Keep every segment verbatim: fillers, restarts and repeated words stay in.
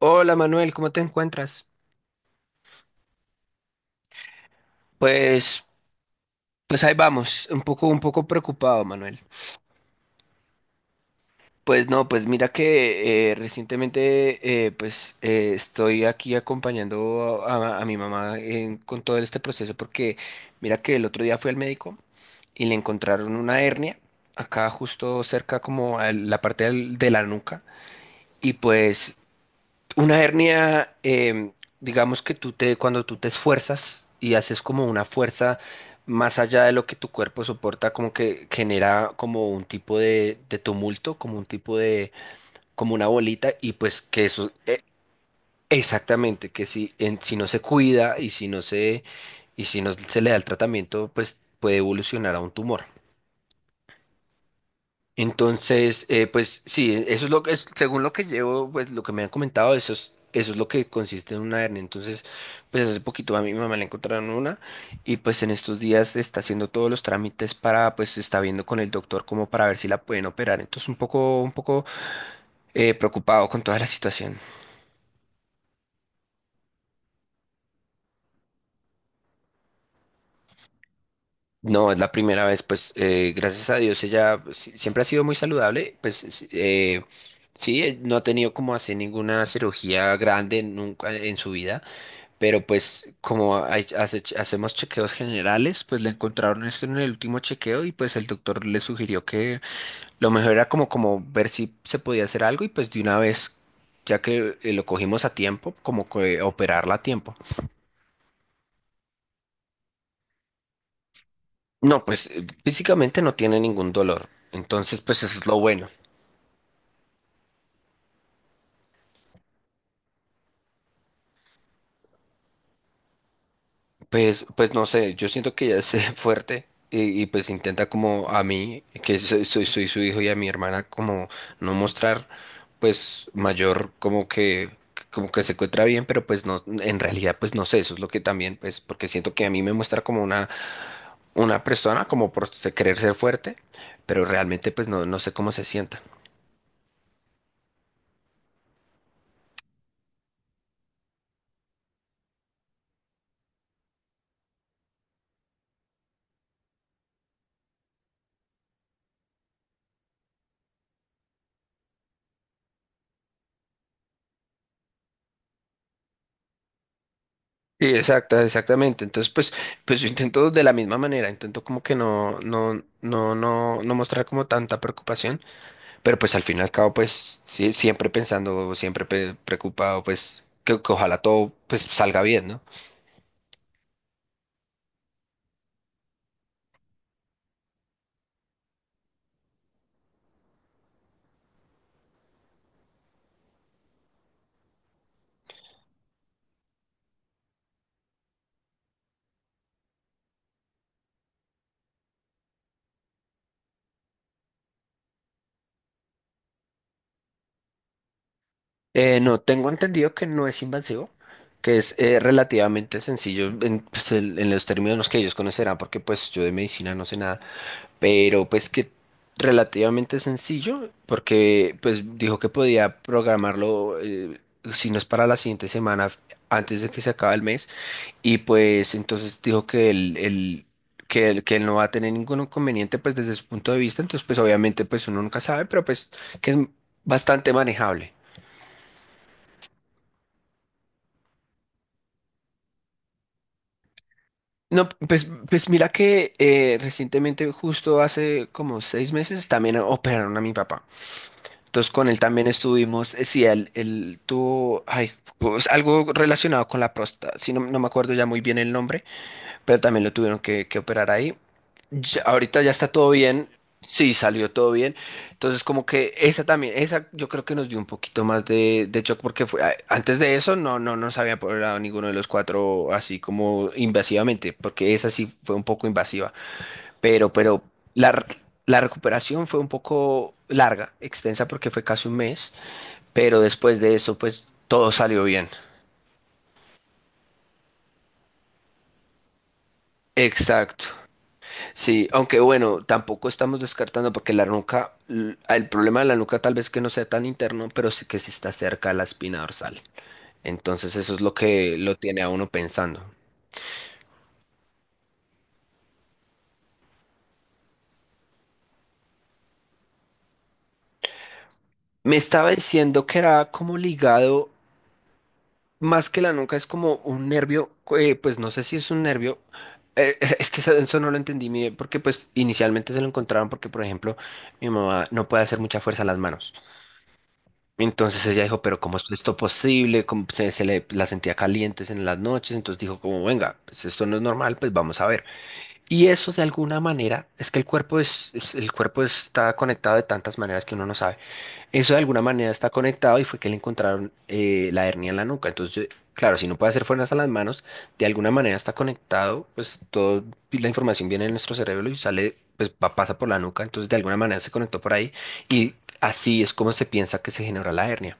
Hola Manuel, ¿cómo te encuentras? Pues, pues ahí vamos, un poco, un poco preocupado, Manuel. Pues no, pues mira que eh, recientemente eh, pues eh, estoy aquí acompañando a, a- a mi mamá en- con todo este proceso porque mira que el otro día fui al médico y le encontraron una hernia acá justo cerca como a la parte del- de la nuca y pues. Una hernia, em, digamos que tú te, cuando tú te esfuerzas y haces como una fuerza más allá de lo que tu cuerpo soporta, como que genera como un tipo de, de tumulto, como un tipo de, como una bolita, y pues que eso, e- exactamente, que si, en- si no se cuida y si no se, y si no se le da el tratamiento, pues puede evolucionar a un tumor. Entonces, eh, pues sí, eso es lo que es, según lo que llevo, pues lo que me han comentado, eso es, eso es lo que consiste en una hernia. Entonces, pues hace poquito a mi mamá le encontraron una y pues en estos días está haciendo todos los trámites para, pues está viendo con el doctor como para ver si la pueden operar. Entonces, un poco, un poco eh, preocupado con toda la situación. No, es la primera vez, pues eh, gracias a Dios ella pues, si- siempre ha sido muy saludable, pues sí, eh, sí, eh, no ha tenido como hacer ninguna cirugía grande nunca en su vida. Pero pues como hay- hace- hacemos chequeos generales, pues le encontraron esto en el último chequeo y pues el doctor le sugirió que lo mejor era como, como ver si se podía hacer algo y pues de una vez, ya que eh, lo cogimos a tiempo, como que operarla a tiempo. No, pues eh, físicamente no tiene ningún dolor. Entonces, pues eso es lo bueno. Pues, pues no sé, yo siento que ella es eh, fuerte y, y pues intenta como a mí, que soy, soy, soy su hijo y a mi hermana como no mostrar pues mayor como que como que se encuentra bien, pero pues no, en realidad pues no sé, eso es lo que también pues porque siento que a mí me muestra como una una persona como por se- querer ser fuerte, pero realmente pues no, no sé cómo se sienta. Sí, exacta, exactamente. Entonces, pues, pues yo intento de la misma manera, intento como que no, no, no, no, no mostrar como tanta preocupación. Pero pues al fin y al cabo, pues sí, siempre pensando, siempre pe- preocupado, pues que, que ojalá todo pues salga bien, ¿no? Eh, no, tengo entendido que no es invasivo, que es eh, relativamente sencillo en, pues, el- en los términos que ellos conocerán, porque pues yo de medicina no sé nada, pero pues que relativamente sencillo, porque pues dijo que podía programarlo, eh, si no es para la siguiente semana, antes de que se acabe el mes. Y pues entonces dijo que él, él- que él, que él no va a tener ningún inconveniente pues desde su punto de vista, entonces pues obviamente pues uno nunca sabe, pero pues que es bastante manejable. No, pues, pues mira que eh, recientemente, justo hace como seis meses, también operaron a mi papá. Entonces con él también estuvimos, eh, sí, él, él tuvo ay, pues, algo relacionado con la próstata, sí, no, no me acuerdo ya muy bien el nombre, pero también lo tuvieron que, que operar ahí. Ya- ahorita ya está todo bien. Sí, salió todo bien. Entonces, como que esa también, esa yo creo que nos dio un poquito más de, de shock porque fue, a- antes de eso no, no nos había apoderado ninguno de los cuatro así como invasivamente, porque esa sí fue un poco invasiva. Pero, pero la, r- la recuperación fue un poco larga, extensa porque fue casi un mes, pero después de eso, pues todo salió bien. Exacto. Sí, aunque bueno, tampoco estamos descartando porque la nuca, l- el problema de la nuca tal vez que no sea tan interno, pero sí que sí está cerca de la espina dorsal. Entonces eso es lo que lo tiene a uno pensando. Me estaba diciendo que era como ligado, más que la nuca, es como un nervio, eh, pues no sé si es un nervio, eh, es que eso, eso no lo entendí bien, porque pues inicialmente se lo encontraron porque, por ejemplo, mi mamá no puede hacer mucha fuerza en las manos. Entonces ella dijo, pero ¿cómo es esto posible? ¿Cómo se, se le la sentía calientes en las noches? Entonces dijo, como venga, pues esto no es normal, pues vamos a ver. Y eso de alguna manera es que el cuerpo es, es- el cuerpo está conectado de tantas maneras que uno no sabe. Eso de alguna manera está conectado y fue que le encontraron eh, la hernia en la nuca. Entonces, claro, si no puede hacer fuerzas a las manos, de alguna manera está conectado, pues toda la información viene de nuestro cerebro y sale, pues va- pasa por la nuca. Entonces, de alguna manera se conectó por ahí y así es como se piensa que se generó la hernia.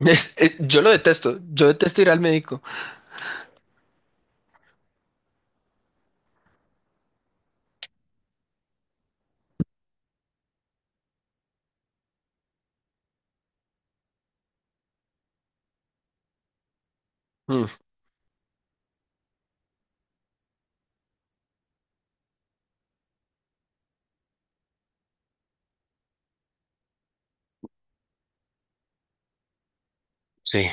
Es- es- yo lo detesto, yo detesto ir al médico. Mm, sí.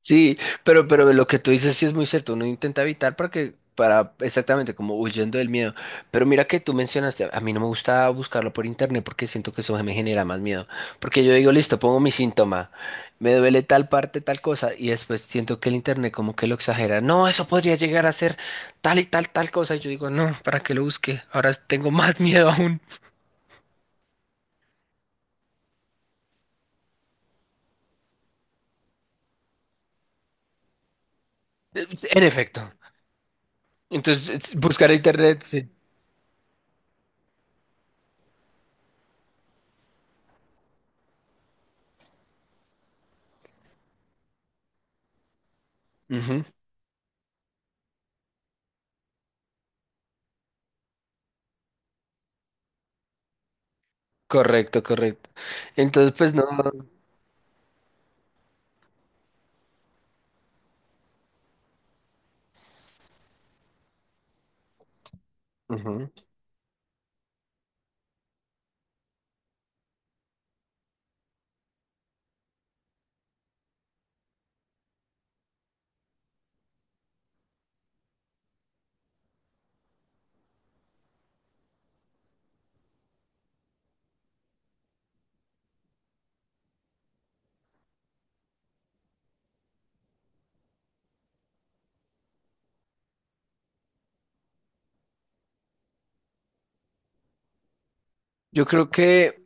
Sí, pero, pero lo que tú dices sí es muy cierto, uno intenta evitar para que, para, exactamente, como huyendo del miedo. Pero mira que tú mencionaste, a mí no me gusta buscarlo por internet porque siento que eso me genera más miedo. Porque yo digo, listo, pongo mi síntoma, me duele tal parte, tal cosa, y después siento que el internet como que lo exagera. No, eso podría llegar a ser tal y tal, tal cosa. Y yo digo, no, ¿para qué lo busque? Ahora tengo más miedo aún. En efecto. Entonces, es- buscar en internet, sí. Ujú. Correcto, correcto. Entonces, pues no. Ujú. Yo creo que.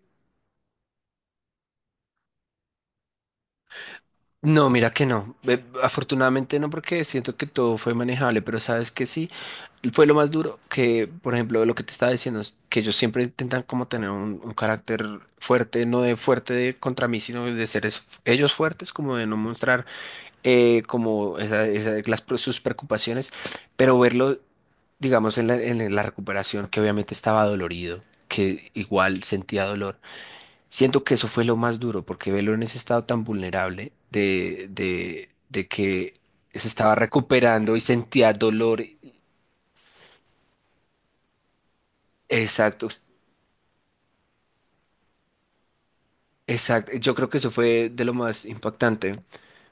No, mira que no. Eh, Afortunadamente no, porque siento que todo fue manejable, pero sabes que sí. Fue lo más duro que, por ejemplo, lo que te estaba diciendo, es que ellos siempre intentan como tener un, un carácter fuerte, no de fuerte de contra mí, sino de ser es- ellos fuertes, como de no mostrar eh, como esa- esa- las, pre- sus preocupaciones, pero verlo, digamos, en la, en la recuperación, que obviamente estaba dolorido, que igual sentía dolor. Siento que eso fue lo más duro, porque verlo en ese estado tan vulnerable de, de, de que se estaba recuperando y sentía dolor. Exacto, exacto. Yo creo que eso fue de lo más impactante.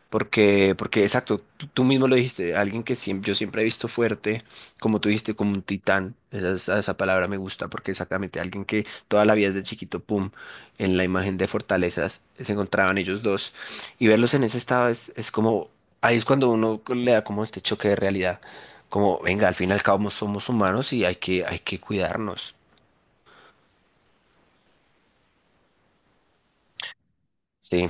Porque, porque exacto, tú, tú mismo lo dijiste, alguien que siem- yo siempre he visto fuerte, como tú dijiste, como un titán, esa, esa, esa palabra me gusta, porque exactamente alguien que toda la vida desde chiquito, pum, en la imagen de fortalezas se encontraban ellos dos, y verlos en ese estado es, es como, ahí es cuando uno le da como este choque de realidad, como, venga, al fin y al cabo somos humanos y hay que, hay que cuidarnos. Sí,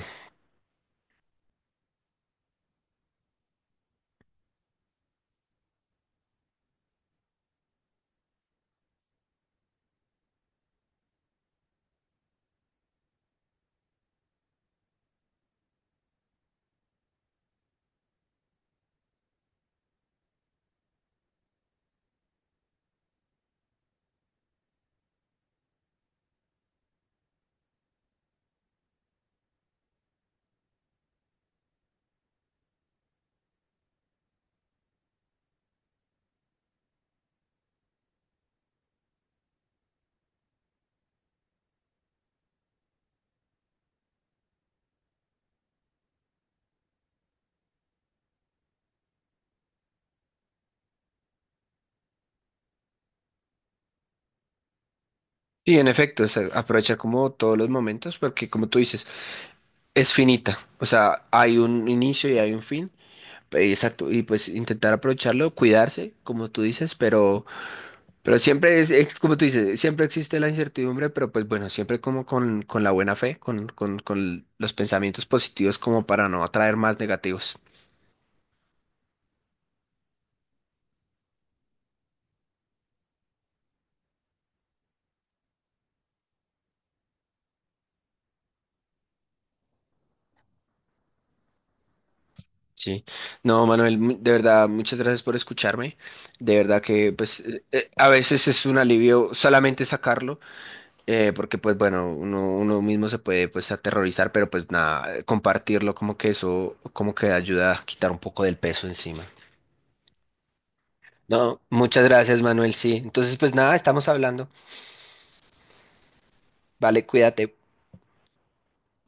sí, en efecto, o sea, aprovechar como todos los momentos, porque como tú dices, es finita, o sea, hay un inicio y hay un fin, eh, exacto, y pues intentar aprovecharlo, cuidarse, como tú dices, pero, pero siempre es, es como tú dices, siempre existe la incertidumbre, pero pues bueno, siempre como con, con la buena fe, con, con, con los pensamientos positivos como para no atraer más negativos. Sí, no, Manuel, mu- de verdad, muchas gracias por escucharme, de verdad que pues eh, eh, a veces es un alivio solamente sacarlo. Eh, porque pues bueno, uno, uno mismo se puede pues aterrorizar, pero pues nada, eh, compartirlo como que eso, como que ayuda a quitar un poco del peso encima. No, muchas gracias, Manuel, sí. Entonces pues nada, estamos hablando. Vale, cuídate.